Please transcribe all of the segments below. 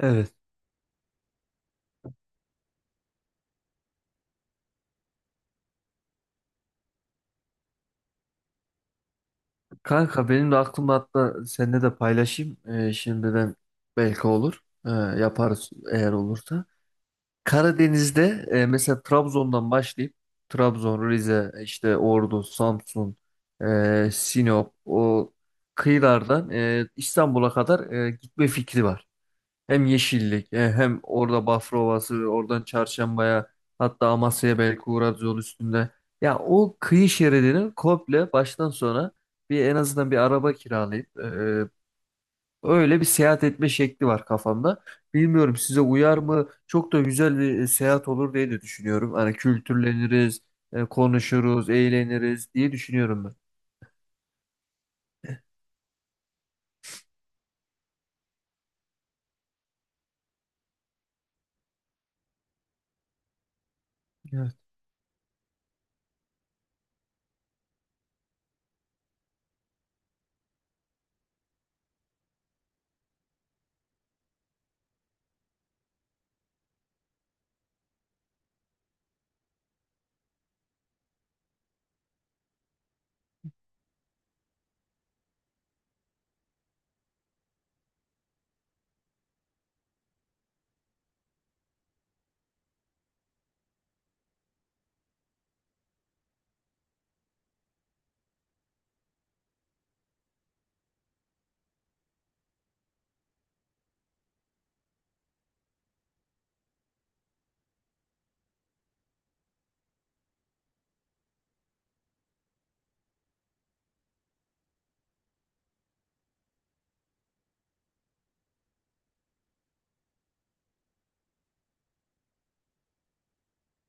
Evet. Kanka benim de aklımda, hatta seninle de paylaşayım. Şimdiden belki olur. Yaparız eğer olursa. Karadeniz'de, mesela Trabzon'dan başlayıp Trabzon, Rize, işte Ordu, Samsun, Sinop, o kıyılardan İstanbul'a kadar gitme fikri var. Hem yeşillik, hem orada Bafra Ovası, oradan Çarşamba'ya, hatta Amasya'ya belki uğrarız yol üstünde. Ya o kıyı şeridini komple baştan sona bir, en azından bir araba kiralayıp, öyle bir seyahat etme şekli var kafamda. Bilmiyorum, size uyar mı? Çok da güzel bir seyahat olur diye de düşünüyorum. Hani kültürleniriz, konuşuruz, eğleniriz diye düşünüyorum ben. Evet.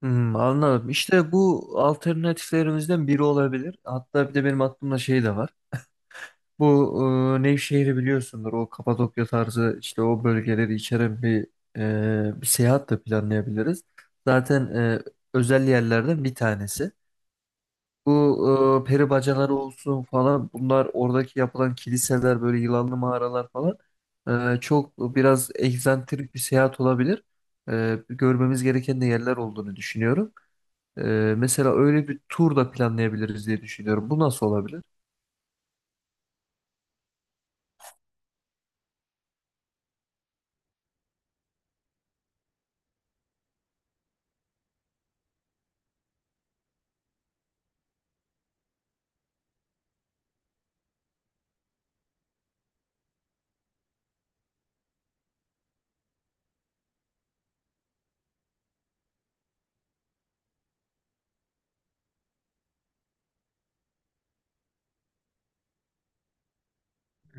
Hmm, anladım. İşte bu alternatiflerimizden biri olabilir. Hatta bir de benim aklımda şey de var. Bu, Nevşehir'i biliyorsundur. O Kapadokya tarzı, işte o bölgeleri içeren bir seyahat de planlayabiliriz. Zaten özel yerlerden bir tanesi. Bu peri bacaları olsun falan, bunlar, oradaki yapılan kiliseler, böyle yılanlı mağaralar falan, çok biraz egzantrik bir seyahat olabilir. E, görmemiz gereken de yerler olduğunu düşünüyorum. E, mesela öyle bir tur da planlayabiliriz diye düşünüyorum. Bu nasıl olabilir?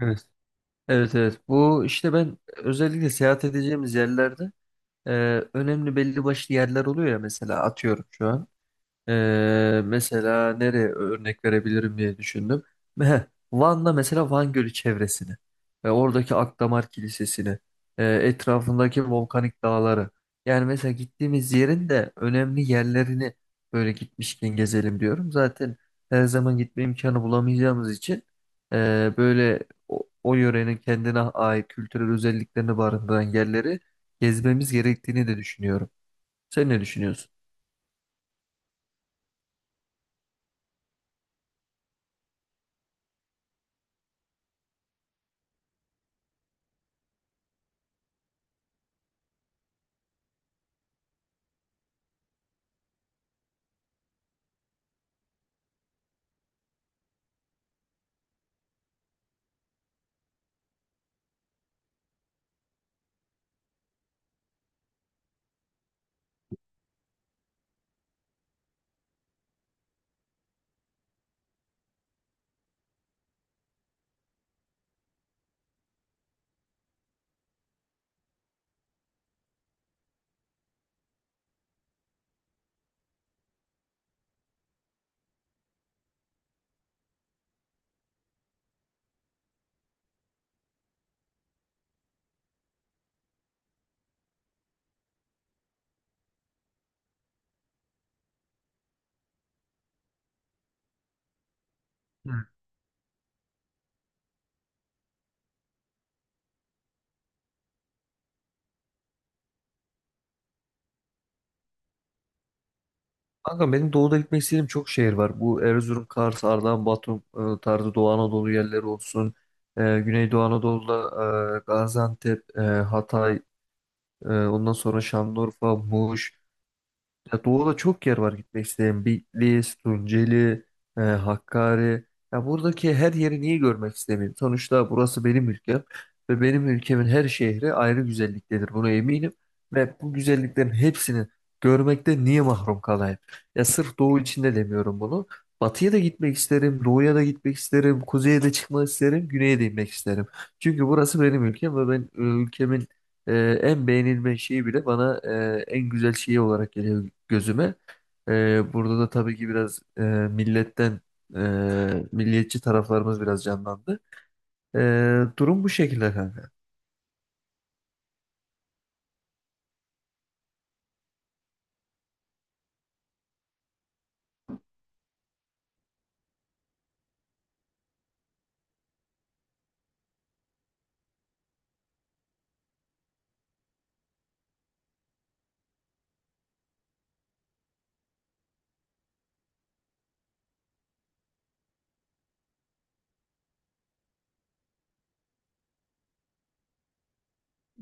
Evet. Evet, evet, bu işte ben özellikle seyahat edeceğimiz yerlerde e, önemli belli başlı yerler oluyor ya, mesela atıyorum şu an. Mesela nereye örnek verebilirim diye düşündüm. Heh, Van'da mesela Van Gölü çevresini ve oradaki Akdamar Kilisesi'ni, etrafındaki volkanik dağları. Yani mesela gittiğimiz yerin de önemli yerlerini böyle gitmişken gezelim diyorum. Zaten her zaman gitme imkanı bulamayacağımız için, böyle o yörenin kendine ait kültürel özelliklerini barındıran yerleri gezmemiz gerektiğini de düşünüyorum. Sen ne düşünüyorsun? Kanka benim doğuda gitmek istediğim çok şehir var. Bu Erzurum, Kars, Ardahan, Batum tarzı Doğu Anadolu yerleri olsun. E, Güneydoğu Anadolu'da Gaziantep, Hatay, ondan sonra Şanlıurfa, Muş. Ya doğuda çok yer var gitmek isteyen. Bitlis, Tunceli, Hakkari. Ya buradaki her yeri niye görmek istemeyeyim? Sonuçta burası benim ülkem ve benim ülkemin her şehri ayrı güzelliktedir. Buna eminim. Ve bu güzelliklerin hepsini görmekte niye mahrum kalayım? Ya sırf doğu için de demiyorum bunu. Batıya da gitmek isterim, doğuya da gitmek isterim, kuzeye de çıkmak isterim, güneye de inmek isterim. Çünkü burası benim ülkem ve ben ülkemin e, en beğenilme şeyi bile bana en güzel şeyi olarak geliyor gözüme. E, burada da tabii ki biraz milletten, e, milliyetçi taraflarımız biraz canlandı. E, durum bu şekilde kanka.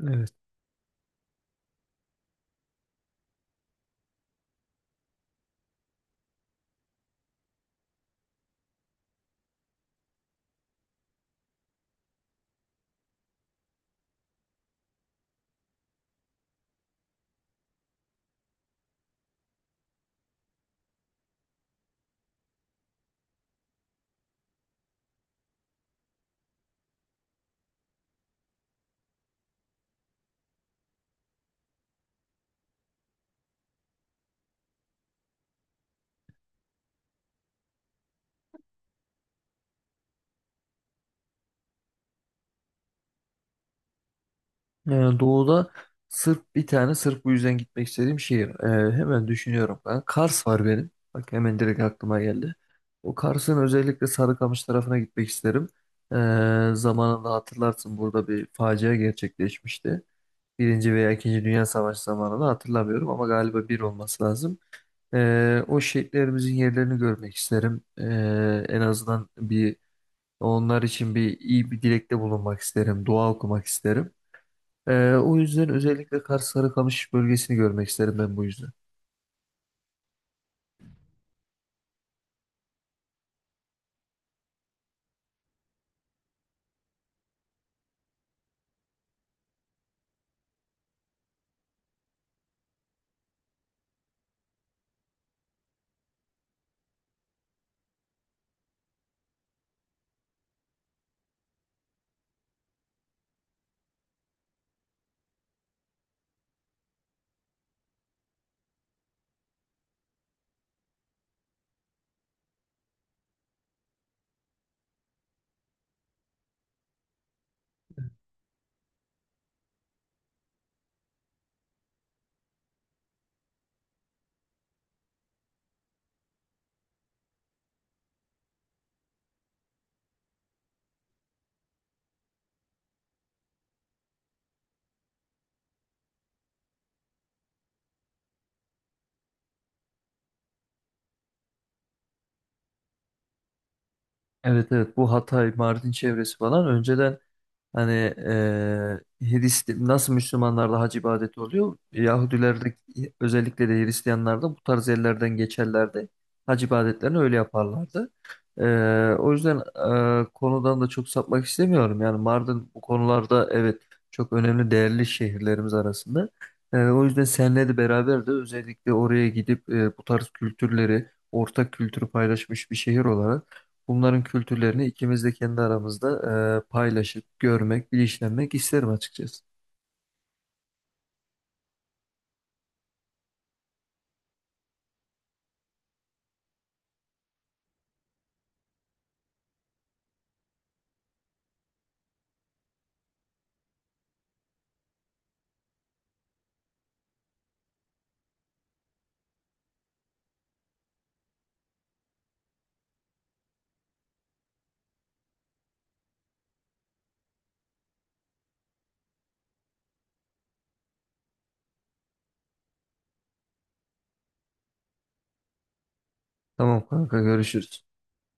Evet. E, doğuda sırf bir tane, sırf bu yüzden gitmek istediğim şehir. E, hemen düşünüyorum ben. Kars var benim. Bak hemen direkt aklıma geldi. O Kars'ın özellikle Sarıkamış tarafına gitmek isterim. E, zamanında hatırlarsın, burada bir facia gerçekleşmişti. Birinci veya ikinci Dünya Savaşı zamanını hatırlamıyorum ama galiba bir olması lazım. O şehitlerimizin yerlerini görmek isterim. En azından bir, onlar için bir iyi bir dilekte bulunmak isterim, dua okumak isterim. O yüzden özellikle Kars Sarıkamış bölgesini görmek isterim ben bu yüzden. Evet, evet, bu Hatay, Mardin çevresi falan önceden, hani, Hristi- nasıl Müslümanlarda hac ibadeti oluyor? Yahudilerde, özellikle de Hristiyanlarda bu tarz yerlerden geçerlerdi. Hac ibadetlerini öyle yaparlardı. O yüzden konudan da çok sapmak istemiyorum. Yani Mardin bu konularda, evet, çok önemli, değerli şehirlerimiz arasında. O yüzden seninle de beraber de özellikle oraya gidip, bu tarz kültürleri, ortak kültürü paylaşmış bir şehir olarak bunların kültürlerini ikimiz de kendi aramızda paylaşıp görmek, bilinçlenmek isterim açıkçası. Tamam kanka, görüşürüz.